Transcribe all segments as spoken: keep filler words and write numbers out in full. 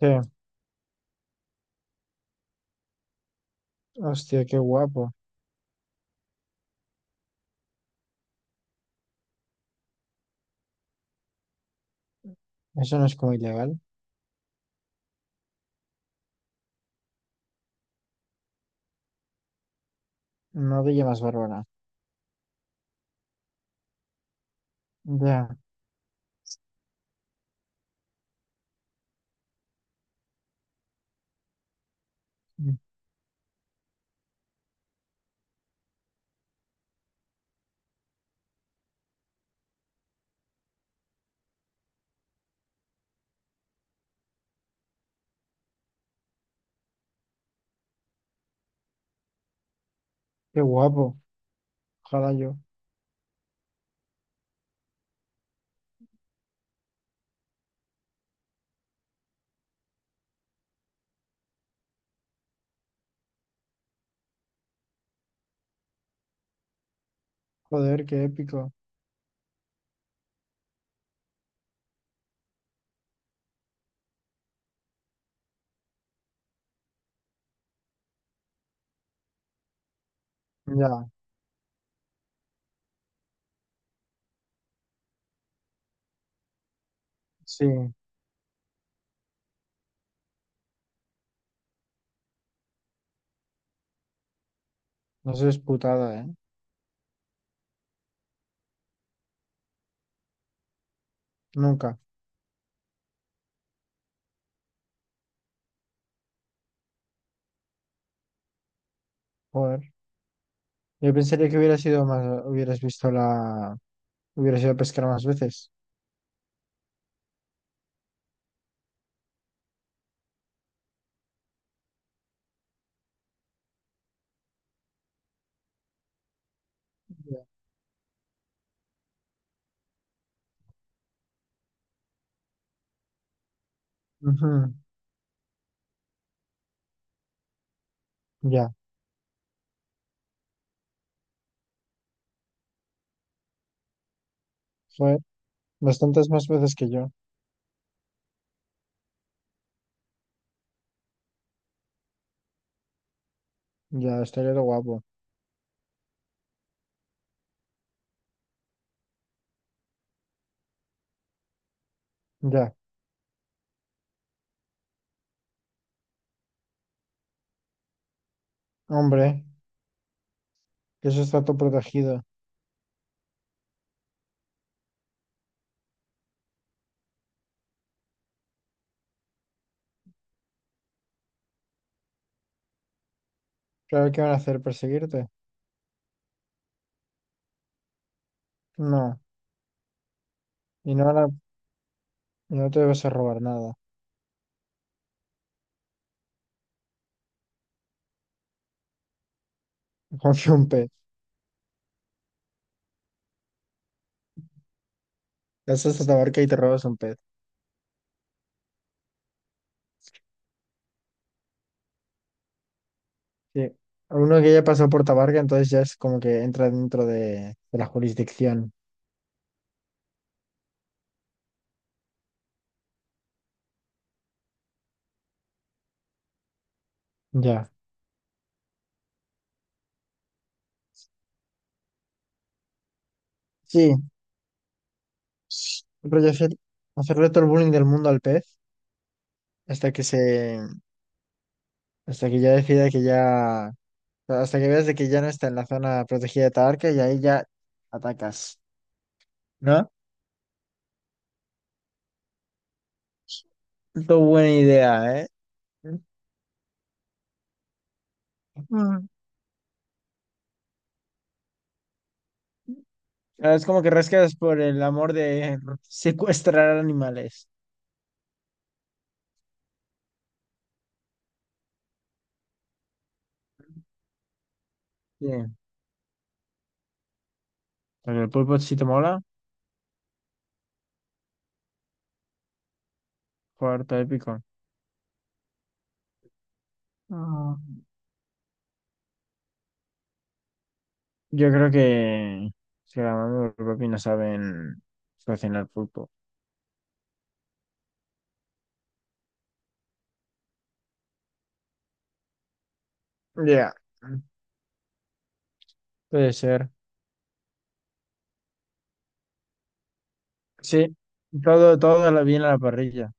Sí, hostia, qué guapo. Eso no es como ilegal. No Villa más Bárbara. Ya, mm, qué guapo. Ojalá yo. Joder, qué épico. Ya, sí. No seas putada, ¿eh? Nunca. Joder. Yo pensaría que hubiera sido más, hubieras visto la, hubieras ido a pescar más veces. Ya. Ujú, ya, joder. Bastantes más veces que yo. Ya, estaría de guapo. Ya, hombre, que eso está todo protegido. Claro que van a hacer perseguirte. No, y no van a- y no te vas a robar nada. Confía un pez. Eso es Tabarca y te robas un pez. Sí. Uno que ya pasó por Tabarca, entonces ya es como que entra dentro de, de la jurisdicción. Ya. Sí. Rollo hacer, hacerle todo el bullying del mundo al pez hasta que se, hasta que ya decida que ya, hasta que veas de que ya no está en la zona protegida de Tabarca y ahí ya atacas. ¿No? Qué buena idea, ¿eh? Mm. Es como que rascas por el amor de secuestrar animales. Sí. El pulpo sí te mola, cuarto épico. Ah. Yo creo que si la mami y el papi no saben cocinar pulpo. Ya, puede ser. Sí, todo, todo lo viene a la parrilla.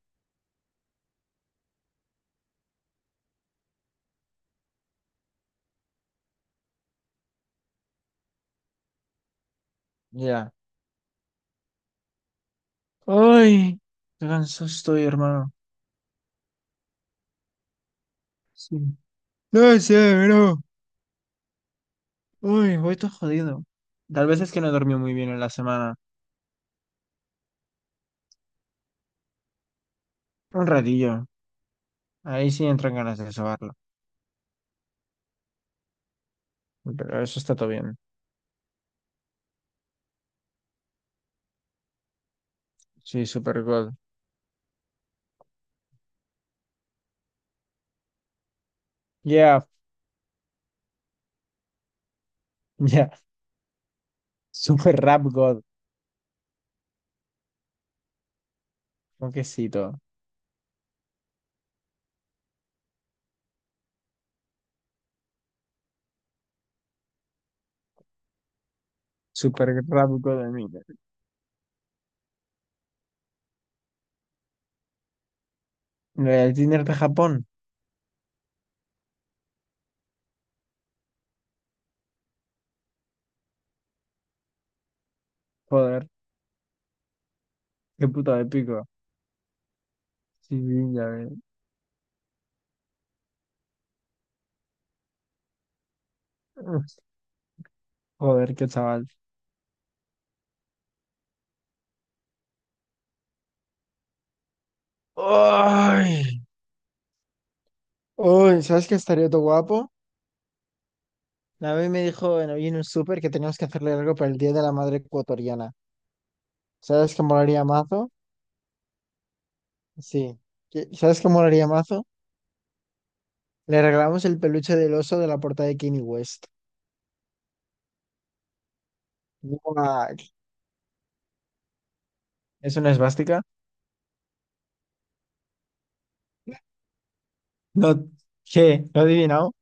Ya. Ay, qué cansado estoy, hermano. Sí. No sé, bro. Uy, voy todo jodido. Tal vez es que no dormí muy bien en la semana. Un ratillo. Ahí sí entran ganas de sobarlo. Pero eso está todo bien. Sí, super good. Ya, ya. Super Rap God, quesito. Super Rap God de mí. El Tinder de Japón. Joder, qué puta de pico. Sí, sí, ya ves. Uf, joder, qué chaval. Ay, uy, ¿sabes qué estaría todo guapo? La vez me dijo en, hoy en un súper que teníamos que hacerle algo para el Día de la Madre Ecuatoriana. ¿Sabes qué molaría mazo? Sí. ¿Qué- ¿Sabes qué molaría mazo? Le regalamos el peluche del oso de la portada de Kanye West. Guau, ¿es una esvástica? No, ¿qué? ¿Lo adivinamos?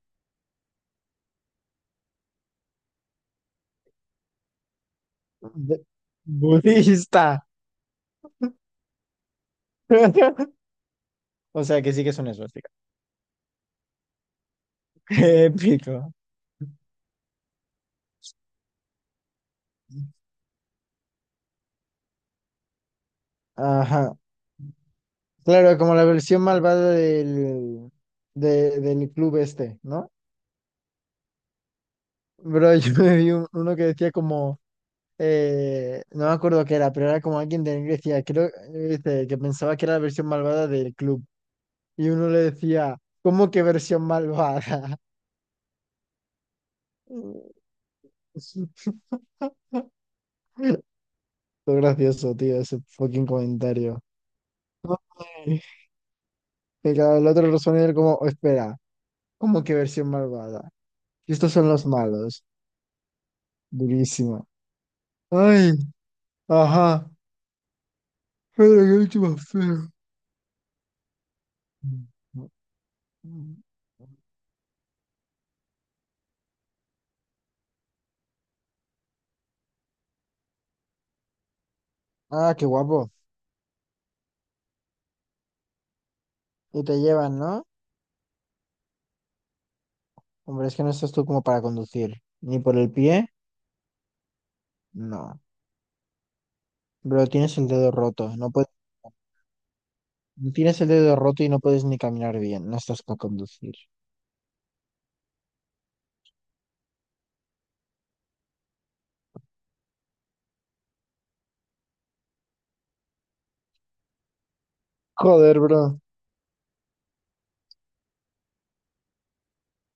de- budista. O sea que sí que es una esvástica. Épico. Ajá. Claro, como la versión malvada del, de- del club este, ¿no? Bro, yo me vi un- uno que decía como, eh, no me acuerdo qué era, pero era como alguien de Grecia, creo, dice, que pensaba que era la versión malvada del club. Y uno le decía, ¿cómo que versión malvada? Todo gracioso, tío, ese fucking comentario. Ay, y claro, el otro respondió él como, "Oh, espera, ¿cómo que versión malvada? Y estos son los malos. Durísimo. Ay, ajá. Pero qué bicho más feo. Ah, qué guapo. Y te llevan, ¿no? Hombre, es que no estás tú como para conducir. Ni por el pie, no. Pero tienes el dedo roto. No puedes, tienes el dedo roto y no puedes ni caminar bien. No estás para conducir. Joder, bro.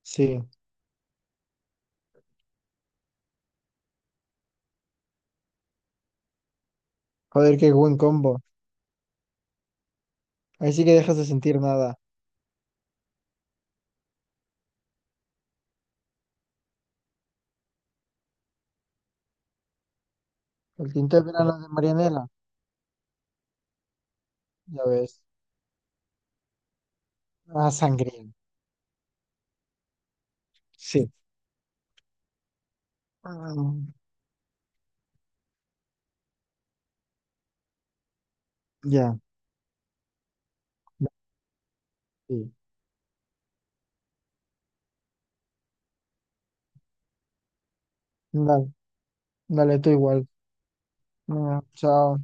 Sí. Joder, qué buen combo. Ahí sí que dejas de sentir nada. El tinto de la de Marianela, ya ves. Ah, sangría. Sí. Ah, ya. Sí. Dale, dale tú igual. Ah, chao.